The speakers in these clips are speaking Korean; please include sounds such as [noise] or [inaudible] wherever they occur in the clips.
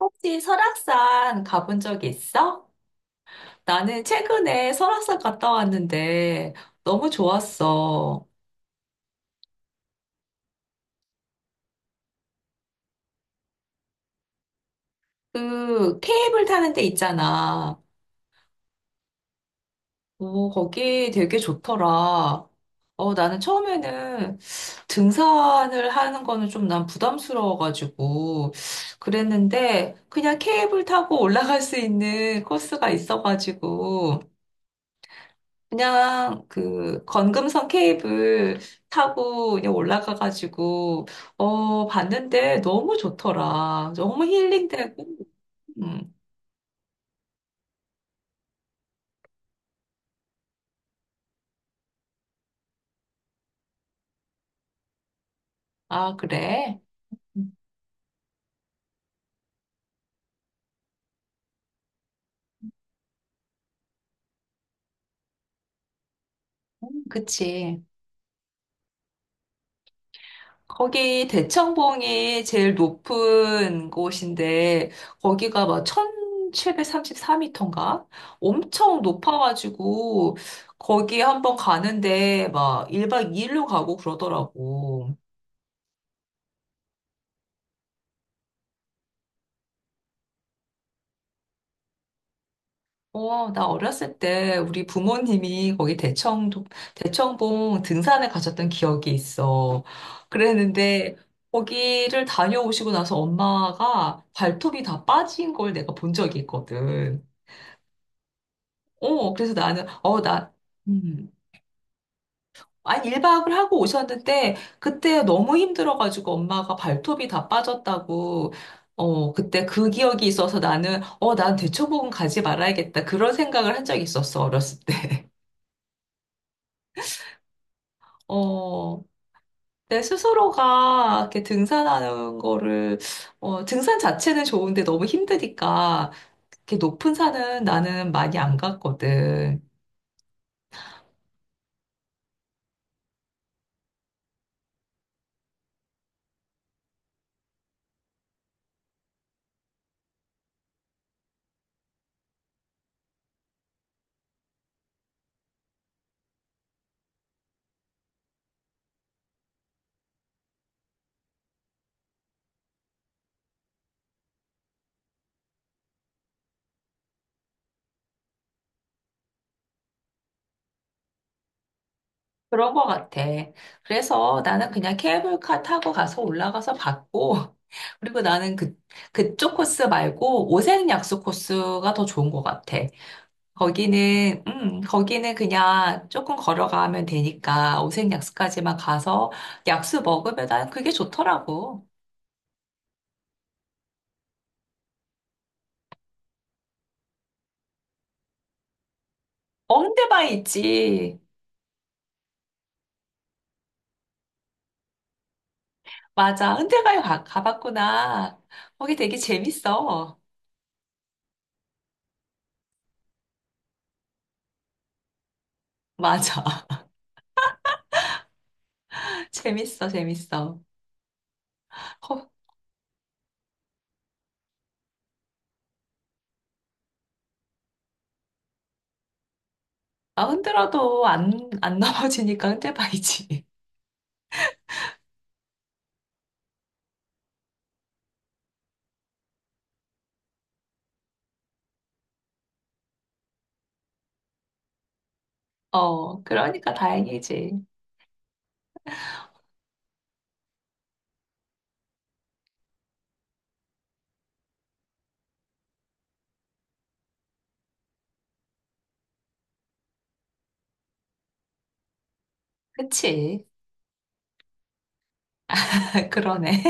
혹시 설악산 가본 적 있어? 나는 최근에 설악산 갔다 왔는데 너무 좋았어. 그 케이블 타는 데 있잖아. 오, 거기 되게 좋더라. 나는 처음에는 등산을 하는 거는 좀 난 부담스러워가지고 그랬는데 그냥 케이블 타고 [laughs] 올라갈 수 있는 코스가 있어가지고 그냥 그 건금선 케이블 타고 그냥 올라가가지고 봤는데 너무 좋더라. 너무 힐링되고. 음. 아 그래? 음, 그치. 거기 대청봉이 제일 높은 곳인데 거기가 막 1734m인가? 엄청 높아가지고 거기 한번 가는데 막 1박 2일로 가고 그러더라고. 나 어렸을 때 우리 부모님이 거기 대청봉 등산을 가셨던 기억이 있어. 그랬는데 거기를 다녀오시고 나서 엄마가 발톱이 다 빠진 걸 내가 본 적이 있거든. 그래서 나는, 음. 아니, 1박을 하고 오셨는데 그때 너무 힘들어가지고 엄마가 발톱이 다 빠졌다고 그때 그 기억이 있어서 난 대청봉은 가지 말아야겠다. 그런 생각을 한 적이 있었어, 어렸을 때. 어, 내 스스로가 이렇게 등산하는 거를, 등산 자체는 좋은데 너무 힘드니까, 이렇게 높은 산은 나는 많이 안 갔거든. 그런 거 같아. 그래서 나는 그냥 케이블카 타고 가서 올라가서 봤고, [laughs] 그리고 나는 그, 그쪽 코스 말고 오색약수 코스가 더 좋은 것 같아. 거기는, 거기는 그냥 조금 걸어가면 되니까 오색약수까지만 가서 약수 먹으면 난 그게 좋더라고. 어, 흔대바위 있지. 맞아. 흔대바위 가, 가봤구나. 거기 되게 재밌어. 맞아. [laughs] 재밌어, 재밌어. 어, 나 흔들어도 안 넘어지니까 흔대바위지. [laughs] 어, 그러니까 다행이지. 그치? [laughs] 그러네.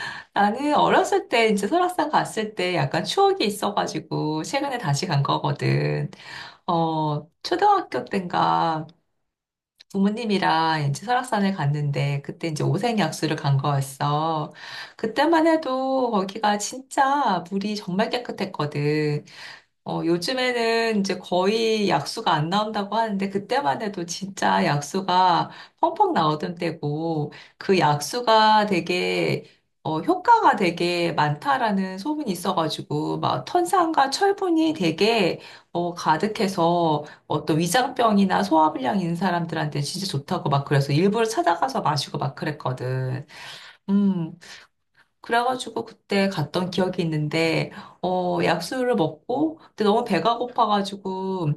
[laughs] 나는 어렸을 때 이제 설악산 갔을 때 약간 추억이 있어가지고 최근에 다시 간 거거든. 초등학교 때인가 부모님이랑 이제 설악산을 갔는데 그때 이제 오색약수를 간 거였어. 그때만 해도 거기가 진짜 물이 정말 깨끗했거든. 요즘에는 이제 거의 약수가 안 나온다고 하는데, 그때만 해도 진짜 약수가 펑펑 나오던 때고, 그 약수가 되게, 효과가 되게 많다라는 소문이 있어가지고, 막 탄산과 철분이 되게, 가득해서, 어떤 위장병이나 소화불량 있는 사람들한테 진짜 좋다고 막 그래서 일부러 찾아가서 마시고 막 그랬거든. 음, 그래가지고 그때 갔던 기억이 있는데, 약수를 먹고, 근데 너무 배가 고파가지고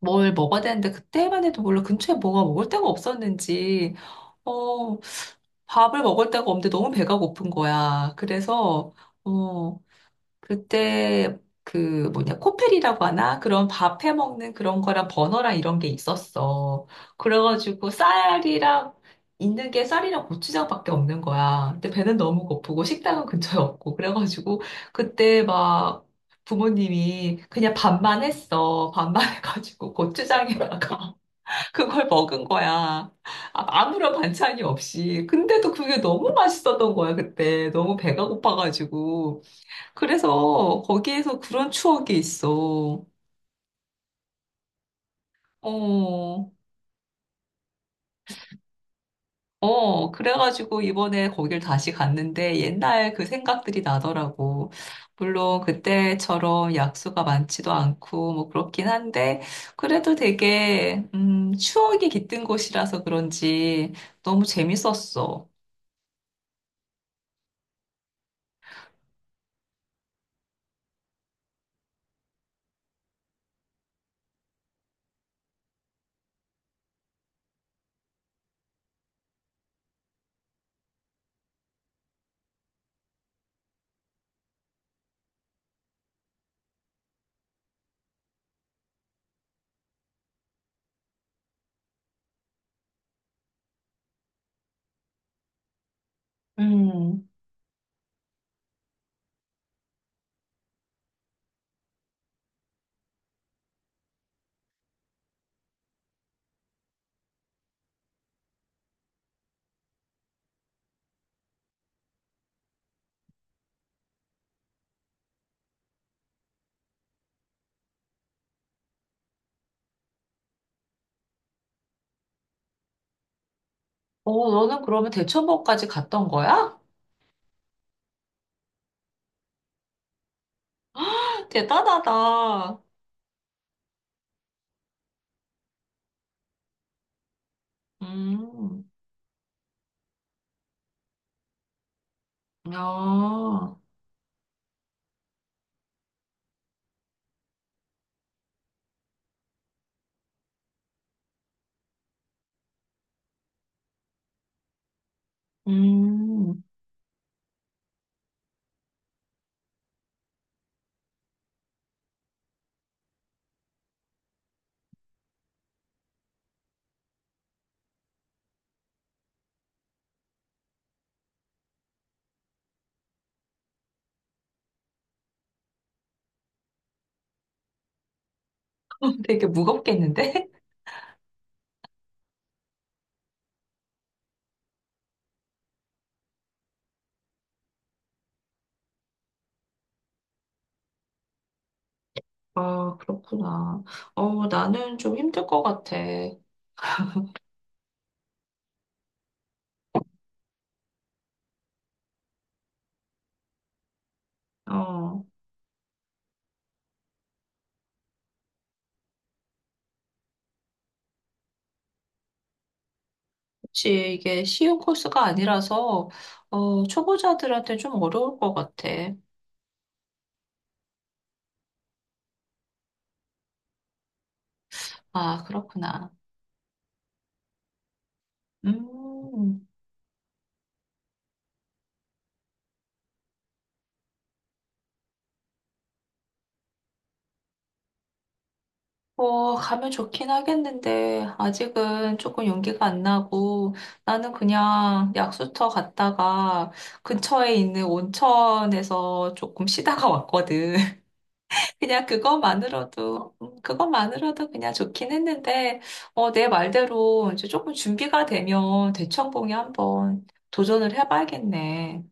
뭘 먹어야 되는데, 그때만 해도 몰라 근처에 뭐가 먹을 데가 없었는지, 어, 밥을 먹을 데가 없는데 너무 배가 고픈 거야. 그래서, 어, 그때 그 뭐냐 코펠이라고 하나 그런 밥 해 먹는 그런 거랑 버너랑 이런 게 있었어. 그래가지고 쌀이랑 있는 게 쌀이랑 고추장밖에 없는 거야. 근데 배는 너무 고프고 식당은 근처에 없고 그래가지고 그때 막 부모님이 그냥 밥만 했어. 밥만 [laughs] 해가지고 고추장에다가 [laughs] 그걸 먹은 거야. 아무런 반찬이 없이. 근데도 그게 너무 맛있었던 거야, 그때. 너무 배가 고파가지고. 그래서 거기에서 그런 추억이 있어. 어, 그래가지고 이번에 거길 다시 갔는데 옛날 그 생각들이 나더라고. 물론 그때처럼 약수가 많지도 않고 뭐 그렇긴 한데 그래도 되게, 추억이 깃든 곳이라서 그런지 너무 재밌었어. 음, 너는 그러면 대천봉까지 갔던 거야? [laughs] 대단하다. 음, 야, 음. [laughs] 되게 무겁겠는데? [laughs] 아, 그렇구나. 나는 좀 힘들 것 같아. 어, 혹시 이게 쉬운 코스가 아니라서, 초보자들한테 좀 어려울 것 같아. 아, 그렇구나. 음, 뭐, 가면 좋긴 하겠는데, 아직은 조금 용기가 안 나고, 나는 그냥 약수터 갔다가 근처에 있는 온천에서 조금 쉬다가 왔거든. 그냥 그것만으로도, 그것만으로도 그냥 좋긴 했는데, 내 말대로 이제 조금 준비가 되면 대청봉에 한번 도전을 해봐야겠네.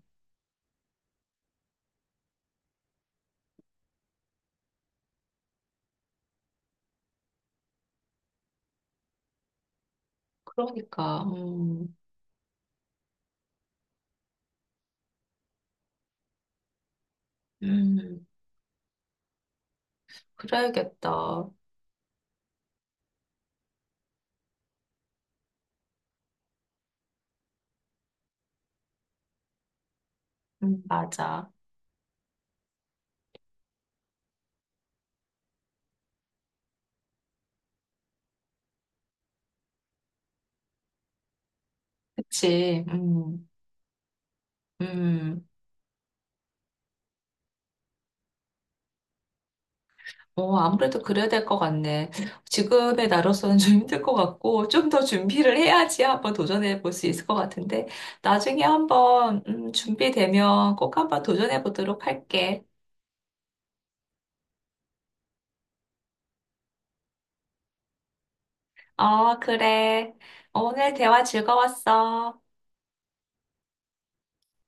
그러니까, 음, 그래야겠다. 맞아. 그치, 음. 아무래도 그래야 될 것 같네. 지금의 나로서는 좀 힘들 것 같고, 좀 더 준비를 해야지 한번 도전해 볼 수 있을 것 같은데, 나중에 한번, 준비되면 꼭 한번 도전해 보도록 할게. 어, 그래. 오늘 대화 즐거웠어.